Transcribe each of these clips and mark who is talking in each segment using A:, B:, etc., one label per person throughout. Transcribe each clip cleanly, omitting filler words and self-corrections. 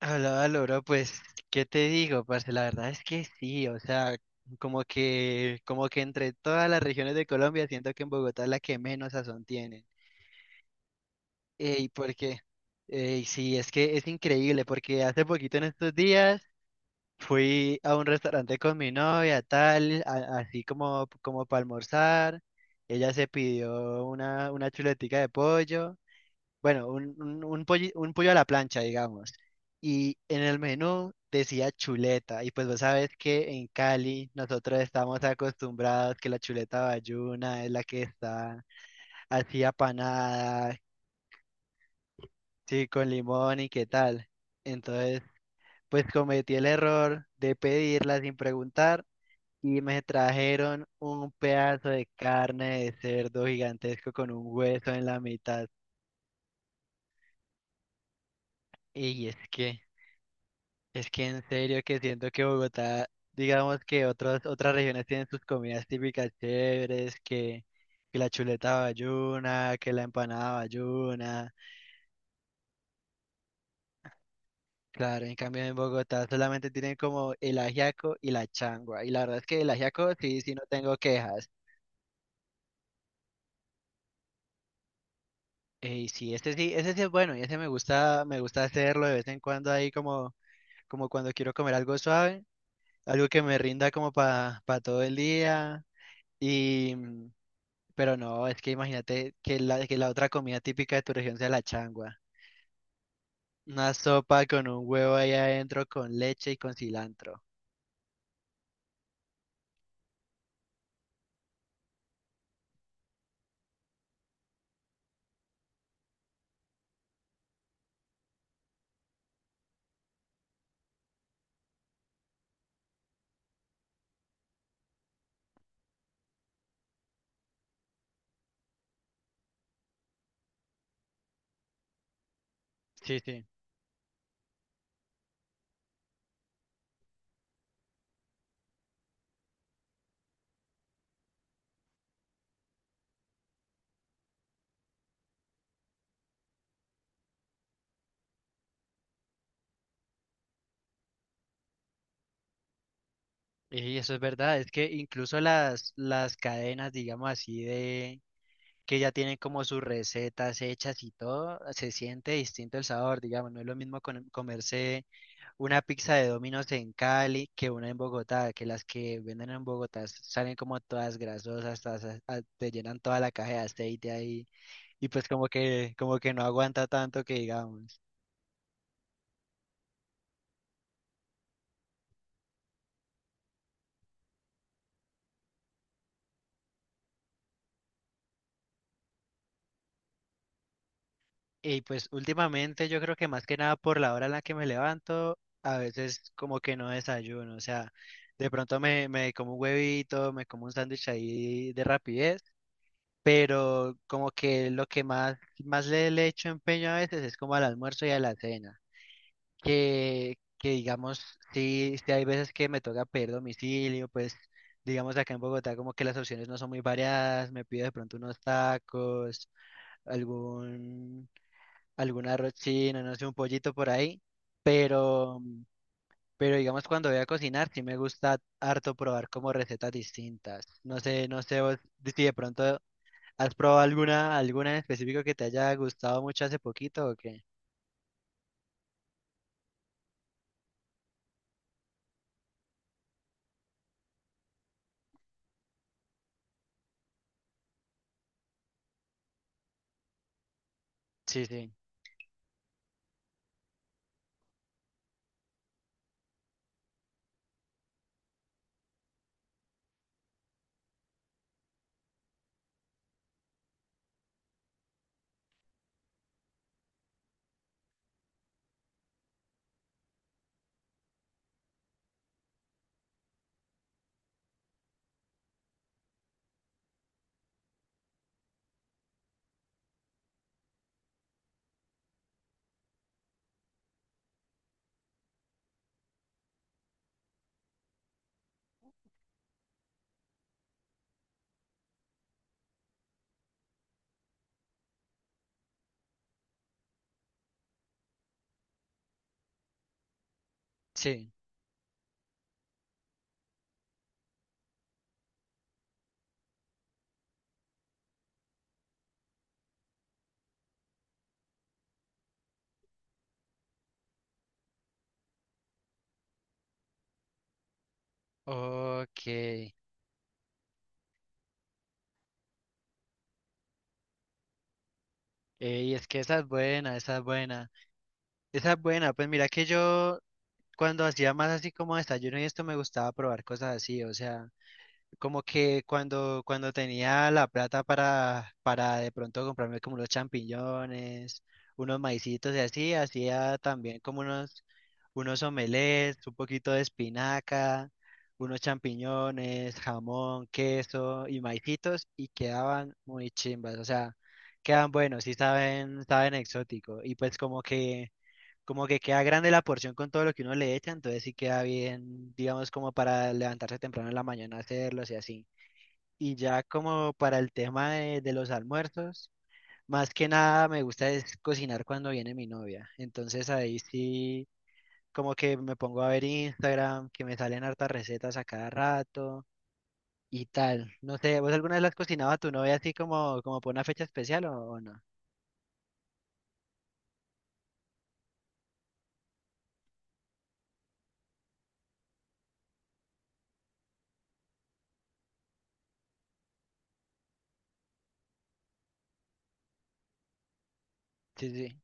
A: Hablaba Loro, pues, ¿qué te digo, parce? La verdad es que sí, o sea, como que entre todas las regiones de Colombia siento que en Bogotá es la que menos sazón tienen. Ey, porque, Ey, sí, es que es increíble, porque hace poquito en estos días fui a un restaurante con mi novia, tal, así como, como para almorzar. Ella se pidió una chuletica de pollo. Bueno, un pollo a la plancha, digamos. Y en el menú decía chuleta. Y pues vos sabes que en Cali nosotros estamos acostumbrados que la chuleta bayuna es la que está así apanada, sí, con limón y qué tal. Entonces, pues cometí el error de pedirla sin preguntar y me trajeron un pedazo de carne de cerdo gigantesco con un hueso en la mitad. Y es que... Es que en serio que siento que Bogotá, digamos que otras regiones tienen sus comidas típicas chéveres, que la chuleta bayuna, que la empanada bayuna. Claro, en cambio en Bogotá solamente tienen como el ajiaco y la changua. Y la verdad es que el ajiaco sí, sí no tengo quejas. Y sí, este sí, ese sí es bueno y ese me gusta hacerlo de vez en cuando ahí como, como cuando quiero comer algo suave, algo que me rinda como para todo el día. Y... mm, Pero no, es que imagínate que la otra comida típica de tu región sea la changua. Una sopa con un huevo ahí adentro, con leche y con cilantro. Sí, sí. Y eso es verdad, es que incluso las cadenas, digamos así, de que ya tienen como sus recetas hechas y todo, se siente distinto el sabor, digamos, no es lo mismo comerse una pizza de Domino's en Cali que una en Bogotá, que las que venden en Bogotá salen como todas grasosas, todas, te llenan toda la caja de aceite ahí. Y pues como que no aguanta tanto que digamos. Y pues últimamente yo creo que más que nada por la hora en la que me levanto, a veces como que no desayuno, o sea, de pronto me como un huevito, me como un sándwich ahí de rapidez, pero como que lo que más, más le echo empeño a veces es como al almuerzo y a la cena. que, que digamos, sí, sí hay veces que me toca pedir domicilio, pues digamos acá en Bogotá como que las opciones no son muy variadas, me pido de pronto unos tacos, algún, algún arroz chino, no sé, un pollito por ahí, pero, pero digamos cuando voy a cocinar sí me gusta harto probar como recetas distintas, no sé, no sé vos si de pronto has probado alguna, alguna en específico que te haya gustado mucho hace poquito o qué. Sí, sí, sí, ok. Ey, es que esa es buena, esa es buena. Esa es buena, pues mira que yo cuando hacía más así como desayuno y esto me gustaba probar cosas así, o sea, como que cuando, cuando tenía la plata para de pronto comprarme como unos champiñones, unos maicitos y así, hacía también como unos, unos omelets, un poquito de espinaca, unos champiñones, jamón, queso y maicitos y quedaban muy chimbas, o sea, quedan buenos y saben, saben exótico y pues como que queda grande la porción con todo lo que uno le echa, entonces sí queda bien, digamos, como para levantarse temprano en la mañana a hacerlos y así. Y ya como para el tema de los almuerzos, más que nada me gusta es cocinar cuando viene mi novia. Entonces ahí sí, como que me pongo a ver Instagram, que me salen hartas recetas a cada rato y tal. No sé, ¿vos alguna vez las cocinaba a tu novia así como, como por una fecha especial o no? Sí, sí.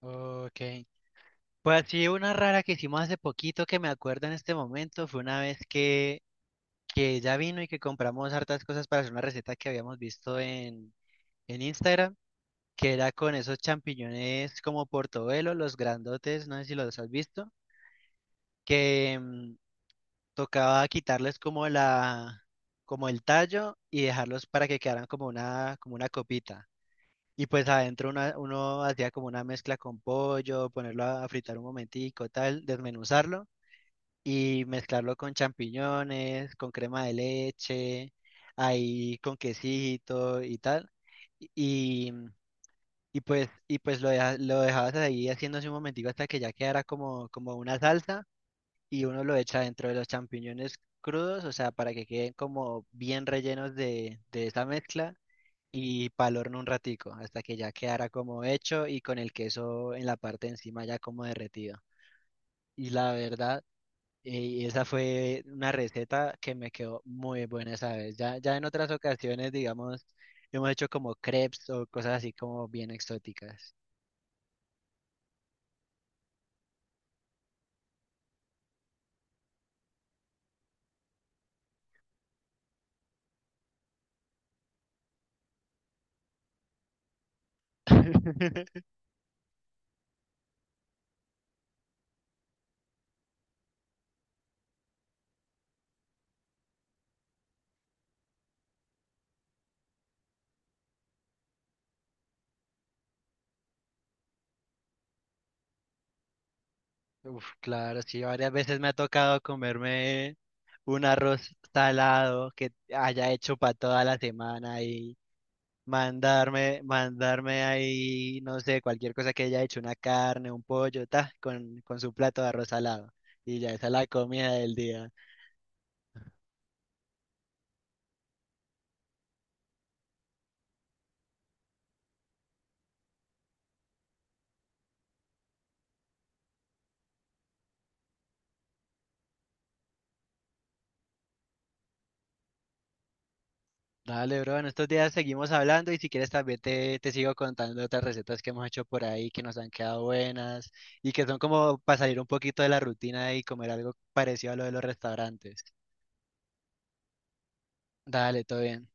A: Ok. Pues sí, una rara que hicimos hace poquito que me acuerdo en este momento fue una vez que ella vino y que compramos hartas cosas para hacer una receta que habíamos visto en Instagram, que era con esos champiñones como portobelo, los grandotes, no sé si los has visto, que mm, tocaba quitarles como como el tallo y dejarlos para que quedaran como una copita. Y pues adentro uno hacía como una mezcla con pollo, ponerlo a fritar un momentico, tal, desmenuzarlo y mezclarlo con champiñones, con crema de leche, ahí con quesito y tal. Y, lo dejabas ahí haciéndose un momentico hasta que ya quedara como, como una salsa y uno lo echa dentro de los champiñones crudos, o sea, para que queden como bien rellenos de esa mezcla y pa'l horno un ratico hasta que ya quedara como hecho y con el queso en la parte de encima ya como derretido. Y la verdad... Y esa fue una receta que me quedó muy buena esa vez. Ya en otras ocasiones, digamos, hemos hecho como crepes o cosas así como bien exóticas. Uf, claro, sí, varias veces me ha tocado comerme un arroz salado que haya hecho para toda la semana y mandarme ahí, no sé, cualquier cosa que haya hecho, una carne, un pollo, ta, con su plato de arroz salado. Y ya esa es la comida del día. Dale, bro, en estos días seguimos hablando y si quieres también te sigo contando otras recetas que hemos hecho por ahí que nos han quedado buenas y que son como para salir un poquito de la rutina y comer algo parecido a lo de los restaurantes. Dale, todo bien.